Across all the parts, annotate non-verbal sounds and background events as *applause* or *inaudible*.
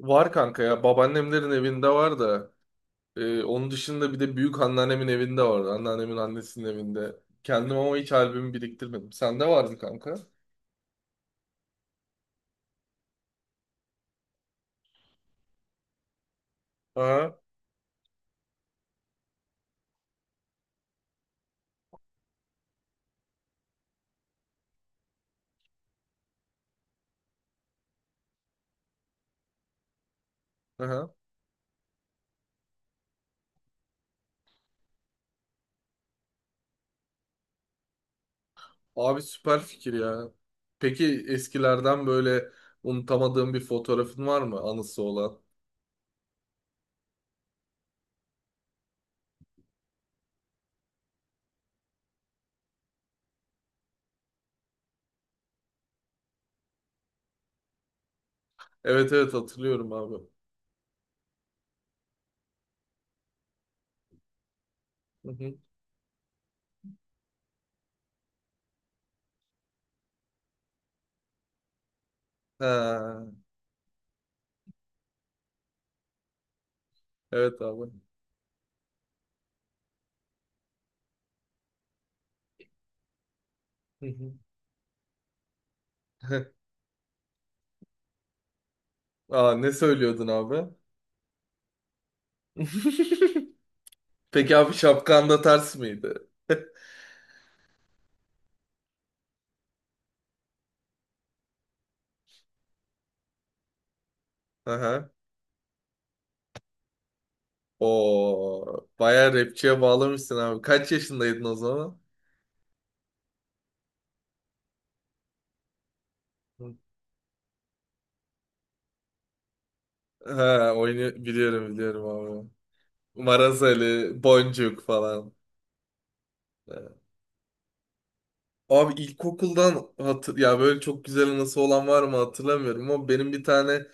Var kanka ya babaannemlerin evinde var da onun dışında bir de büyük anneannemin evinde vardı. Anneannemin annesinin evinde. Kendim ama hiç albümü biriktirmedim. Sende var mı kanka? Aha, aha. Abi süper fikir ya. Peki eskilerden böyle unutamadığım bir fotoğrafın var mı anısı olan? Evet, evet, hatırlıyorum abi. Hı hı. Ha, evet abi. Hı hı. *laughs* Aa, ne söylüyordun abi? *laughs* Peki abi şapkan da ters miydi? *laughs* Aha. O bayağı rapçiye bağlamışsın abi. Kaç yaşındaydın o zaman? Ha, oyunu biliyorum, biliyorum abi. Marazeli Boncuk falan. Evet. Abi ilkokuldan hatır ya böyle çok güzel anısı olan var mı hatırlamıyorum ama benim bir tane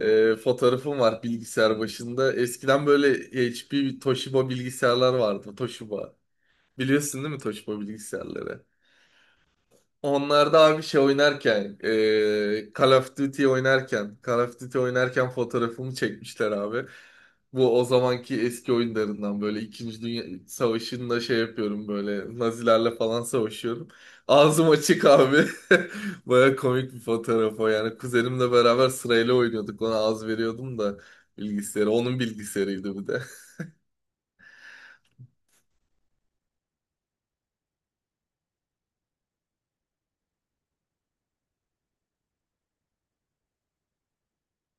fotoğrafım var bilgisayar başında. Eskiden böyle HP, Toshiba bilgisayarlar vardı. Toshiba. Biliyorsun değil mi Toshiba bilgisayarları? Onlar da abi şey oynarken, Call of Duty oynarken fotoğrafımı çekmişler abi. Bu o zamanki eski oyunlarından böyle İkinci Dünya Savaşı'nda şey yapıyorum böyle Nazilerle falan savaşıyorum. Ağzım açık abi. *laughs* Baya komik bir fotoğraf o yani. Kuzenimle beraber sırayla oynuyorduk. Ona az veriyordum da bilgisayarı. Onun bilgisayarıydı bu da.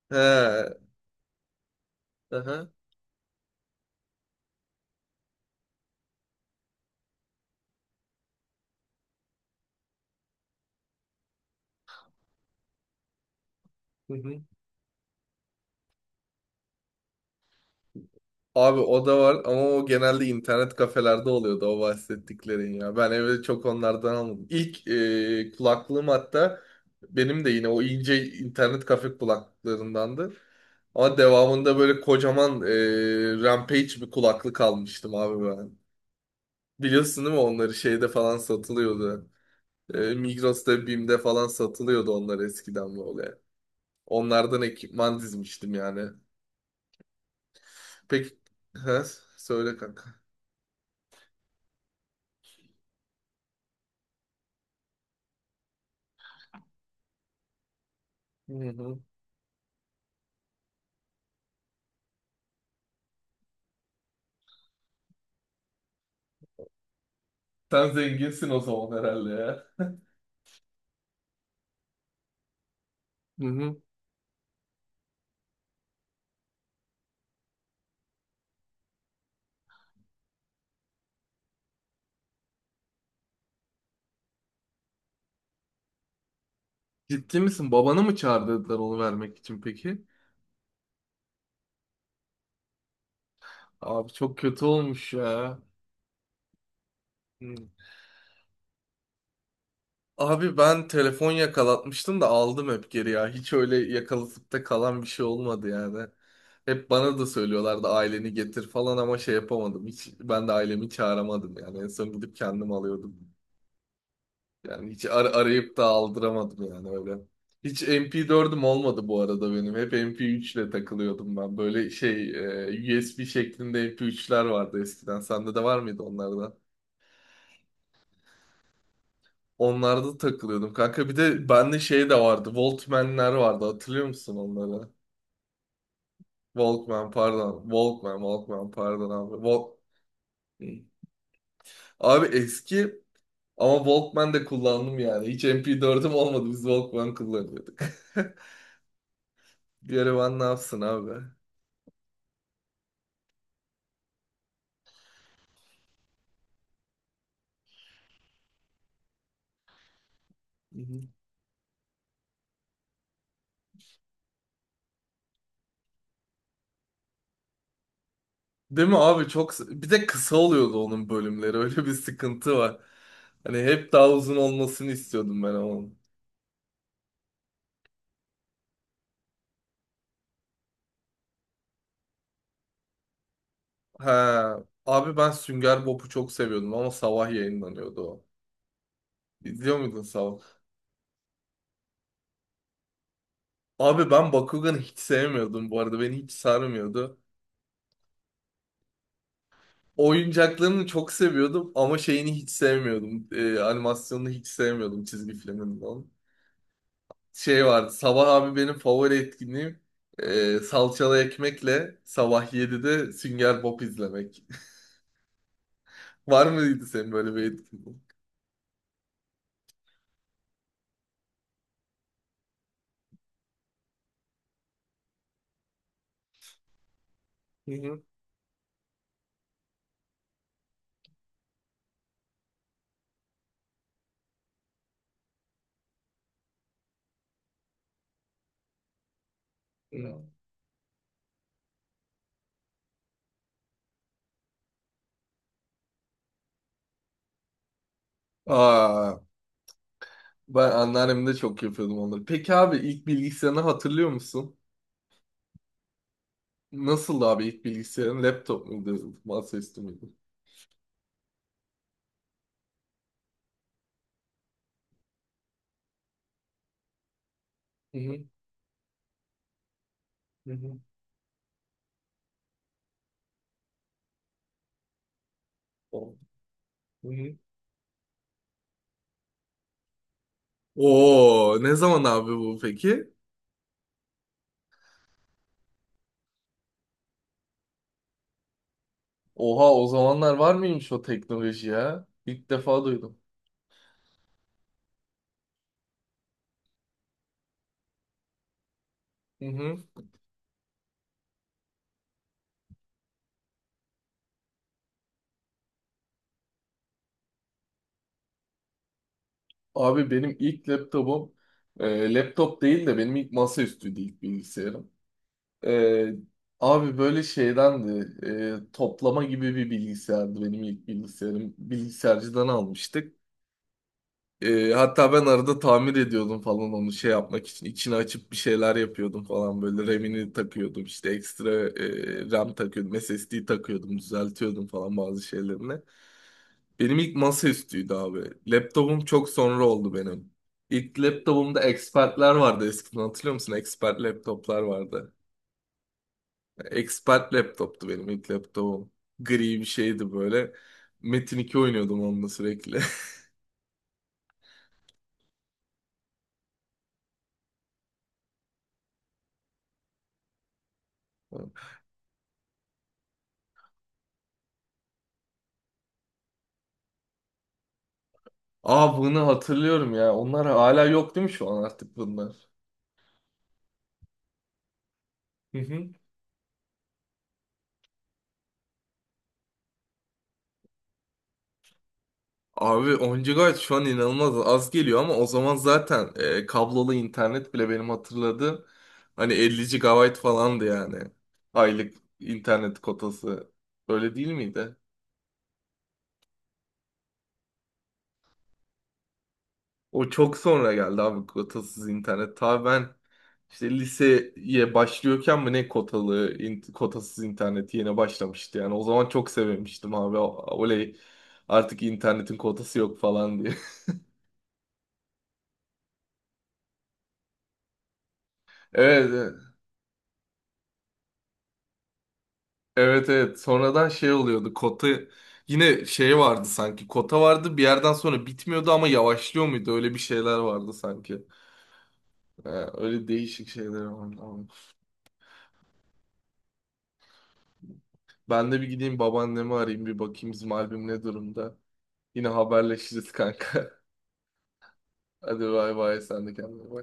*laughs* He. Aha. Hı hı. Abi o da var ama o genelde internet kafelerde oluyordu o bahsettiklerin ya. Ben evde çok onlardan almadım. İlk kulaklığım hatta benim de yine o ince internet kafe kulaklıklarındandı. Ama devamında böyle kocaman Rampage bir kulaklık almıştım abi ben. Biliyorsun değil mi onları şeyde falan satılıyordu. Migros'ta, BİM'de falan satılıyordu onlar eskiden böyle. Onlardan ekipman dizmiştim yani. Peki, *laughs* He, söyle kanka. Hı hı. Sen zenginsin o zaman herhalde ya. Hı hı. Ciddi misin? Babanı mı çağırdılar onu vermek için peki? Abi çok kötü olmuş ya. Hı. Abi ben telefon yakalatmıştım da aldım hep geri ya. Hiç öyle yakalatıp da kalan bir şey olmadı yani. Hep bana da söylüyorlardı aileni getir falan ama şey yapamadım. Hiç ben de ailemi çağıramadım yani. En son gidip kendim alıyordum. Yani hiç arayıp da aldıramadım yani öyle. Hiç MP4'üm olmadı bu arada benim. Hep MP3 ile takılıyordum ben. Böyle şey USB şeklinde MP3'ler vardı eskiden. Sende de var mıydı onlarda? Onlarda da takılıyordum kanka. Bir de bende şey de vardı. Walkman'ler vardı. Hatırlıyor musun onları? Walkman pardon. Walkman, Walkman pardon abi. Abi eski ama Walkman de kullandım yani. Hiç MP4'üm olmadı. Biz Walkman kullanıyorduk. *laughs* Bir ara ben ne yapsın abi? Hı hı. Değil mi abi, çok bir de kısa oluyordu onun bölümleri, *laughs* öyle bir sıkıntı var. Hani hep daha uzun olmasını istiyordum ben onun. Ha abi, ben Sünger Bob'u çok seviyordum ama sabah yayınlanıyordu o. İzliyor muydun sabah? Abi ben Bakugan'ı hiç sevmiyordum, bu arada beni hiç sarmıyordu. Oyuncaklarını çok seviyordum ama şeyini hiç sevmiyordum. Animasyonunu hiç sevmiyordum çizgi filminin onun. Şey vardı. Sabah abi benim favori etkinliğim salçalı ekmekle sabah 7'de Sünger Bob izlemek. *laughs* Var mıydı senin böyle bir etkinliğin? Hı hı. Hı. Aa, ben anneannem çok yapıyordum onları. Peki abi, ilk bilgisayarını hatırlıyor musun? Nasıldı abi ilk bilgisayarın? Laptop muydu? Masaüstü müydü? Hı hı. Hı hı. O- Hı hı. Oo, ne zaman abi bu peki? Oha, o zamanlar var mıymış o teknoloji ya? İlk defa duydum. Hı hı. Abi benim ilk laptopum, laptop değil de, benim ilk masaüstüydü ilk bilgisayarım. E, abi böyle şeydendi, toplama gibi bir bilgisayardı benim ilk bilgisayarım. Bilgisayarcıdan almıştık. Hatta ben arada tamir ediyordum falan onu şey yapmak için. İçini açıp bir şeyler yapıyordum falan böyle. RAM'ini takıyordum işte, ekstra RAM takıyordum. SSD takıyordum, düzeltiyordum falan bazı şeylerini. Benim ilk masaüstüydü abi. Laptopum çok sonra oldu benim. İlk laptopumda expertler vardı eskiden, hatırlıyor musun? Expert laptoplar vardı. Expert laptoptu benim ilk laptopum. Gri bir şeydi böyle. Metin 2 oynuyordum onunla sürekli. *laughs* Aa, bunu hatırlıyorum ya. Onlar hala yok değil mi şu an artık bunlar? *laughs* Abi, 10 GB şu an inanılmaz az geliyor ama o zaman zaten kablolu internet bile benim hatırladığım hani 50 GB falandı yani. Aylık internet kotası. Öyle değil miydi? O çok sonra geldi abi kotasız internet. Ta ben işte liseye başlıyorken mi ne, kotalı kotasız internet yeni başlamıştı yani. O zaman çok sevmiştim abi. Oley, artık internetin kotası yok falan diye. *laughs* Evet. Evet, evet, sonradan şey oluyordu kota, yine şey vardı sanki, kota vardı bir yerden sonra, bitmiyordu ama yavaşlıyor muydu, öyle bir şeyler vardı sanki. Ee, öyle değişik şeyler vardı ama. Ben de bir gideyim babaannemi arayayım, bir bakayım bizim albüm ne durumda. Yine haberleşiriz kanka. *laughs* Hadi bay bay, sen de kendine bak.